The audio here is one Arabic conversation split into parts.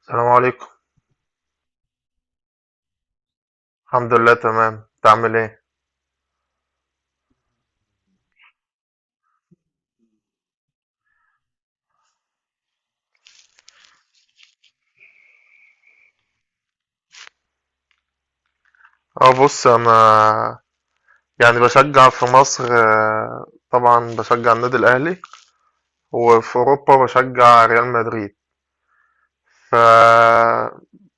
السلام عليكم. الحمد لله، تمام. انت عامل ايه؟ اه، بص، انا يعني بشجع في مصر. طبعا بشجع النادي الاهلي، وفي اوروبا بشجع ريال مدريد. ف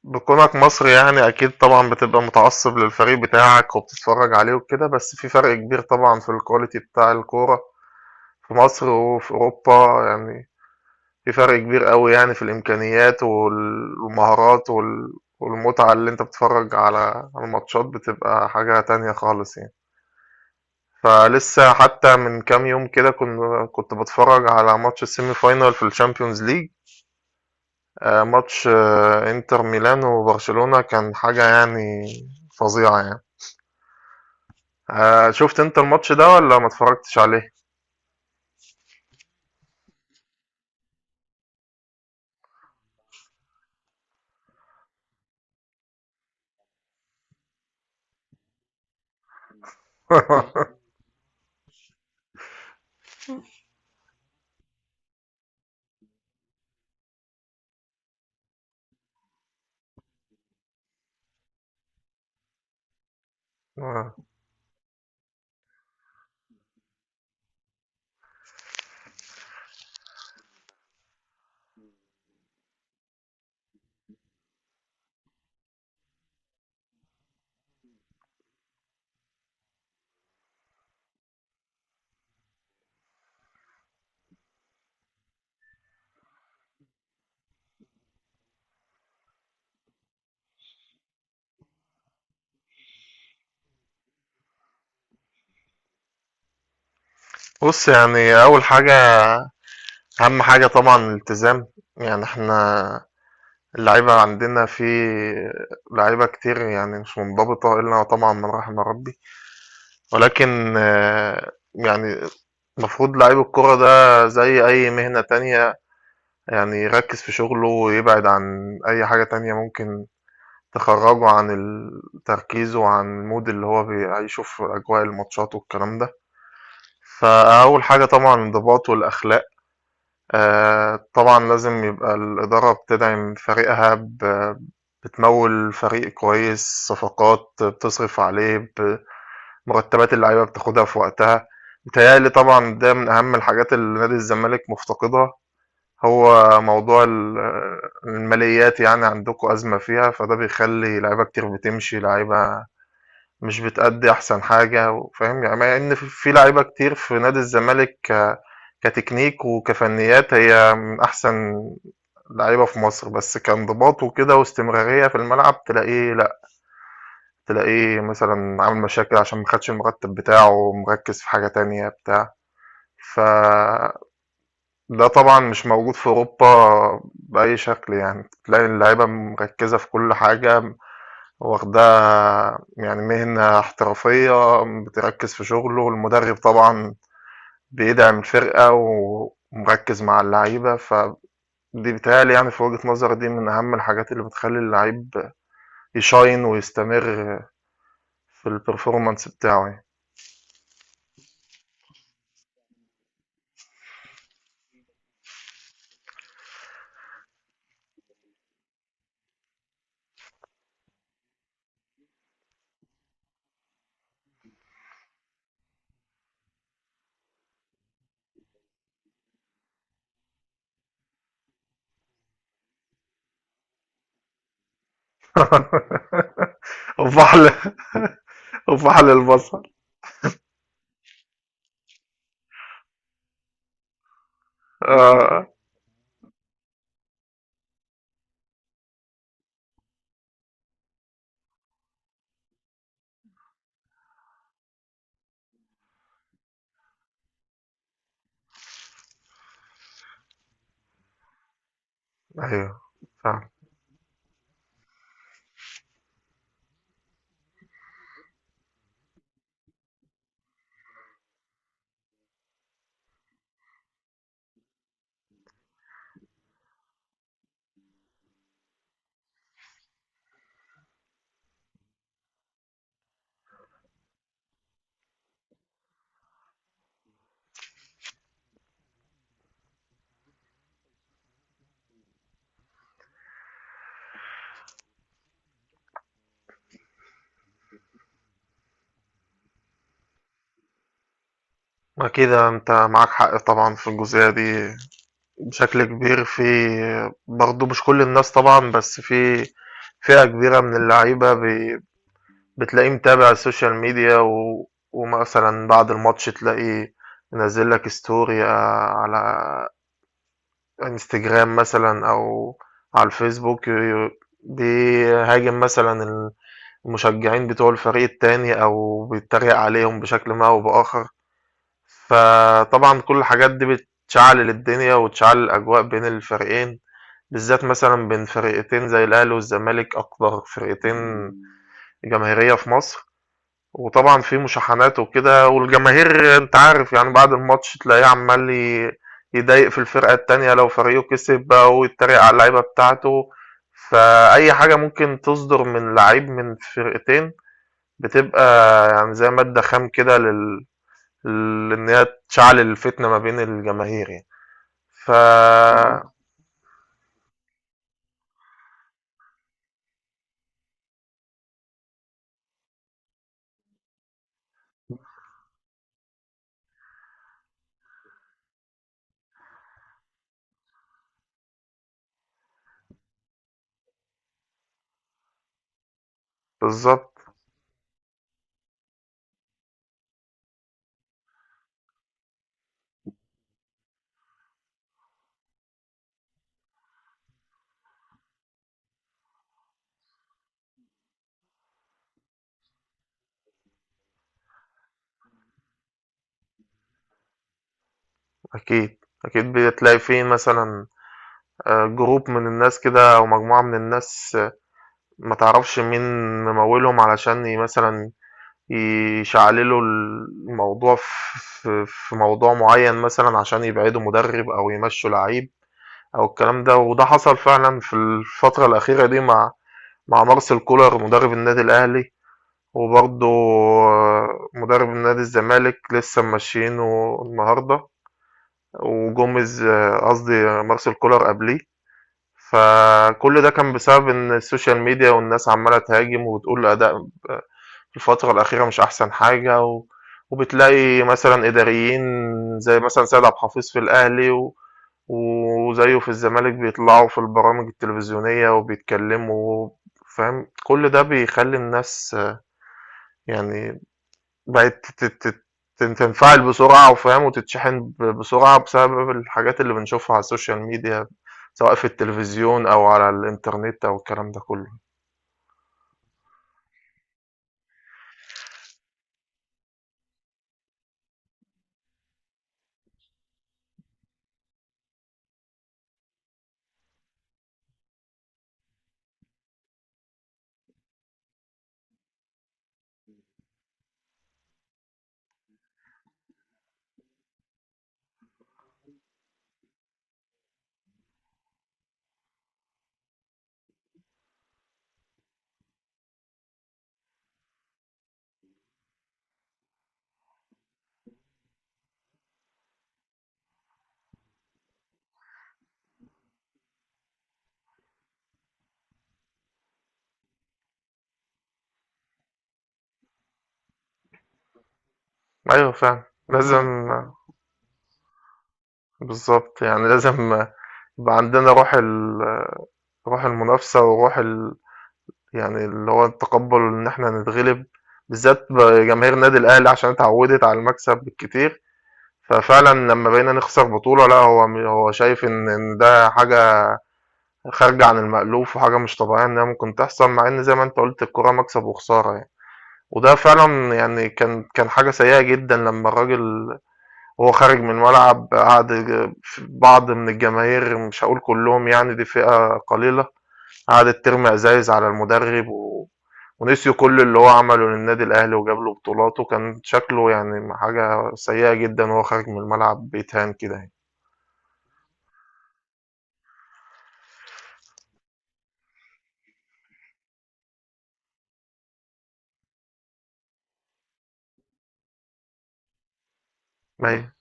بكونك مصري يعني اكيد طبعا بتبقى متعصب للفريق بتاعك وبتتفرج عليه وكده. بس في فرق كبير طبعا في الكواليتي بتاع الكورة في مصر وفي اوروبا. يعني في فرق كبير أوي يعني في الإمكانيات والمهارات والمتعة اللي أنت بتتفرج على الماتشات، بتبقى حاجة تانية خالص يعني. فلسه حتى من كام يوم كده كنت بتفرج على ماتش السيمي فاينال في الشامبيونز ليج. ماتش انتر ميلان وبرشلونة، كان حاجة يعني فظيعة يعني. شفت انت الماتش ده ولا ما اتفرجتش عليه؟ آه. بص، يعني أول حاجة، أهم حاجة طبعا الالتزام. يعني احنا اللعيبة عندنا في لعيبة كتير يعني مش منضبطة إلا طبعا من رحم ربي. ولكن يعني المفروض لعيب الكرة ده زي أي مهنة تانية. يعني يركز في شغله ويبعد عن أي حاجة تانية ممكن تخرجه عن تركيزه وعن المود اللي هو بيعيشه في أجواء الماتشات والكلام ده. فأول حاجة طبعا الانضباط والأخلاق. طبعًا لازم يبقى الإدارة بتدعم فريقها، بتموّل فريق كويس، صفقات، بتصرف عليه، مرتبات اللعيبة بتاخدها في وقتها. متهيأ لي طبعًا ده من أهم الحاجات اللي نادي الزمالك مفتقدها، هو موضوع الماليات. يعني عندكم أزمة فيها، فده بيخلّي لعيبة كتير بتمشي، لعيبة مش بتأدي أحسن حاجة و فاهم. يعني مع إن في لعيبة كتير في نادي الزمالك كتكنيك وكفنيات هي من أحسن لعيبة في مصر، بس كانضباط وكده واستمرارية في الملعب تلاقيه لأ. تلاقيه مثلًا عامل مشاكل عشان ما خدش المرتب بتاعه، مركّز في حاجة تانية بتاع. فده طبعًا مش موجود في أوروبا بأي شكل يعني، تلاقي اللعيبة مركّزة في كل حاجة واخدها يعني مهنة احترافية. بتركز في شغله. المدرب طبعا بيدعم الفرقة ومركز مع اللعيبة، فدي بيتهيألي يعني في وجهة نظري دي من أهم الحاجات اللي بتخلي اللعيب يشاين ويستمر في البرفورمانس بتاعه يعني. وفحل وفحل البصل. آه. أيوه. فاهم. ما كده أنت معاك حق طبعا في الجزئية دي بشكل كبير في. برضه مش كل الناس طبعًا، بس في فئة كبيرة من اللعيبة بتلاقيه متابع السوشيال ميديا ومثلًا بعد الماتش تلاقيه منزّل لك story على إنستجرام مثلًا أو على الفيسبوك بيهاجم مثلًا المشجعين بتوع الفريق التاني أو بيتريق عليهم بشكل ما أو بآخر. فطبعًا كل الحاجات دي بتشعلل الدنيا وتشعلل الأجواء بين الفريقين. بالذات مثلًا بين فرقتين زي الأهلي والزمالك، أكتر فرقتين جماهيرية في مصر، وطبعًا في مشاحنات وكده، والجماهير أنت عارف يعني بعد الماتش تلاقيه عمّال يضايق في الفرقة التانية لو فريقه كسب بقى ويتريق على اللعيبة بتاعته. فأي حاجة ممكن تصدر من لعيب من فرقتين بتبقى يعني زي مادة خام كده لإن هي تشعل الفتنة ما بين الجماهير يعني. ف بالضبط. بالضبط. أكيد. أكيد بتلاقي في مثلًا group من الناس كده أو مجموعة من الناس، ما تعرفش مين ممولهم علشان مثلًا يشعللوا الموضوع في موضوع معين مثلًا عشان يبعدوا مدرب أو يمشوا لعيب أو الكلام ده. وده حصل فعلًا في الفترة الأخيرة دي مع مارسيل كولر مدرب النادي الأهلي، وبرضه مدرب نادي الزمالك لسه ممشيينه النهارده. وجوميز، قصدي مارسيل كولر قبليه. فكل ده كان بسبب ان السوشيال ميديا والناس عماله تهاجم وتقول اداء آه، في الفتره الاخيره مش احسن حاجه وبتلاقي مثلا اداريين زي مثلا سيد عبد الحفيظ في الاهلي وزيه في الزمالك بيطلعوا في البرامج التلفزيونيه وبيتكلموا فاهم. كل ده بيخلي الناس يعني بقت ت ت ت تنفعل بسرعة وفاهم، وتتشحن بسرعة بسبب الحاجات اللي بنشوفها على السوشيال ميديا، سواء في التلفزيون أو على الإنترنت أو الكلام ده كله. أيوه فعلًا. إمم. لازم. بالضبط، يعني لازم يبقى عندنا روح روح المنافسة وروح يعني اللي هو التقبُّل إن إحنا نتغلب، بالذات جماهير النادي الأهلي عشان اتعوّدت على المكسب بالكتير. ففعلًا لمّا بقينا نخسر بطولة لأ، هو هو شايف إن ده حاجة خارجة عن المألوف وحاجة مش طبيعية إنها ممكن تحصل، مع إن زي ما أنت قُلت الكورة مكسب وخسارة يعني. وده فعلًا يعني كان حاجة سيئة جدًا لمّا الراجل وهو خارج من الملعب قعد ف بعض من الجماهير مش هاقول كلّهم يعني دي فئة قليلة، قعدت ترمي أزايز على المدرب ونسيوا كل اللي هو عمله للنادي الأهلي وجاب له بطولات، وكان شكله يعني حاجة سيئة جدًا وهو خارج من الملعب بيتهان كده يعني. أيوه.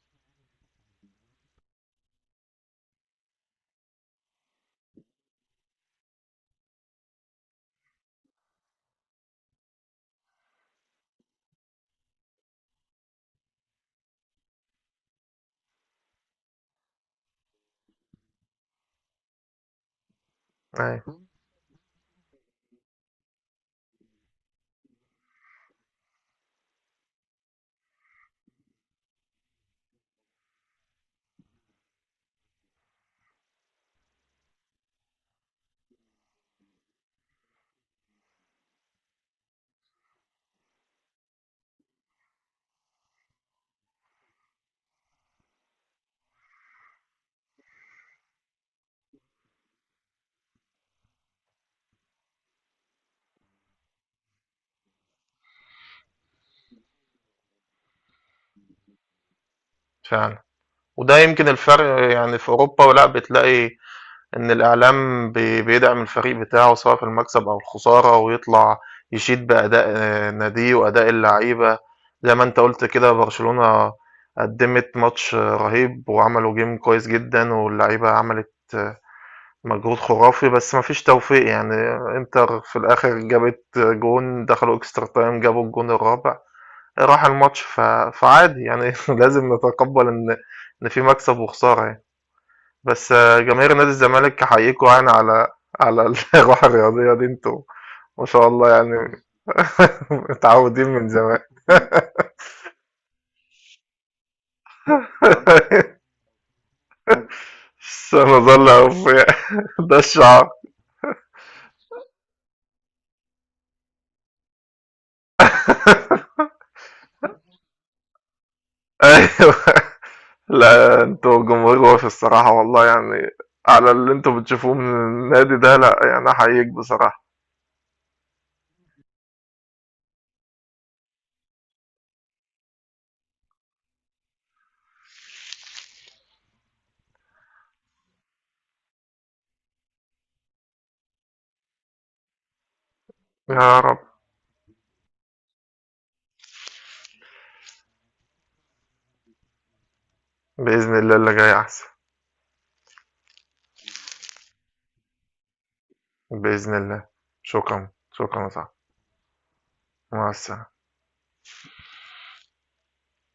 إمم. أيوه. فعلًا. وده يمكن الفرق يعني في أوروبا لأ، بتلاقي إن الإعلام بيدعم الفريق بتاعه سواء في المكسب أو الخسارة، ويطلع يشيد بأداء ناديه وأداء اللعيبة. زي ما أنت قُلت كده برشلونة قدّمت ماتش رهيب وعملوا game كويس جدًا، واللعيبة عملت مجهود خرافي، بس ما فيش توفيق يعني. إنتر في الآخر جابت جون، دخلوا extra time، جابوا الجون الرابع، راح الماتش. فعادي يعني. لازم نتقبّل إن في مكسب وخسارة يعني. بس جماهير نادي الزمالك أحييكوا يعني على على الروح الرياضية دي انتوا ما شاء الله يعني. متعودين من زمان. سنظل أوفياء. ده الشعار. ايوه. لا، انتوا جمهور وافي الصراحة والله يعني، على اللي انتوا بتشوفوه من النادي ده، لا يعني احييك بصراحة. يا رب. بإذن الله اللي جاي أحسن. بإذن الله. شكرا شكرا يا صاحبي. مع السلامة.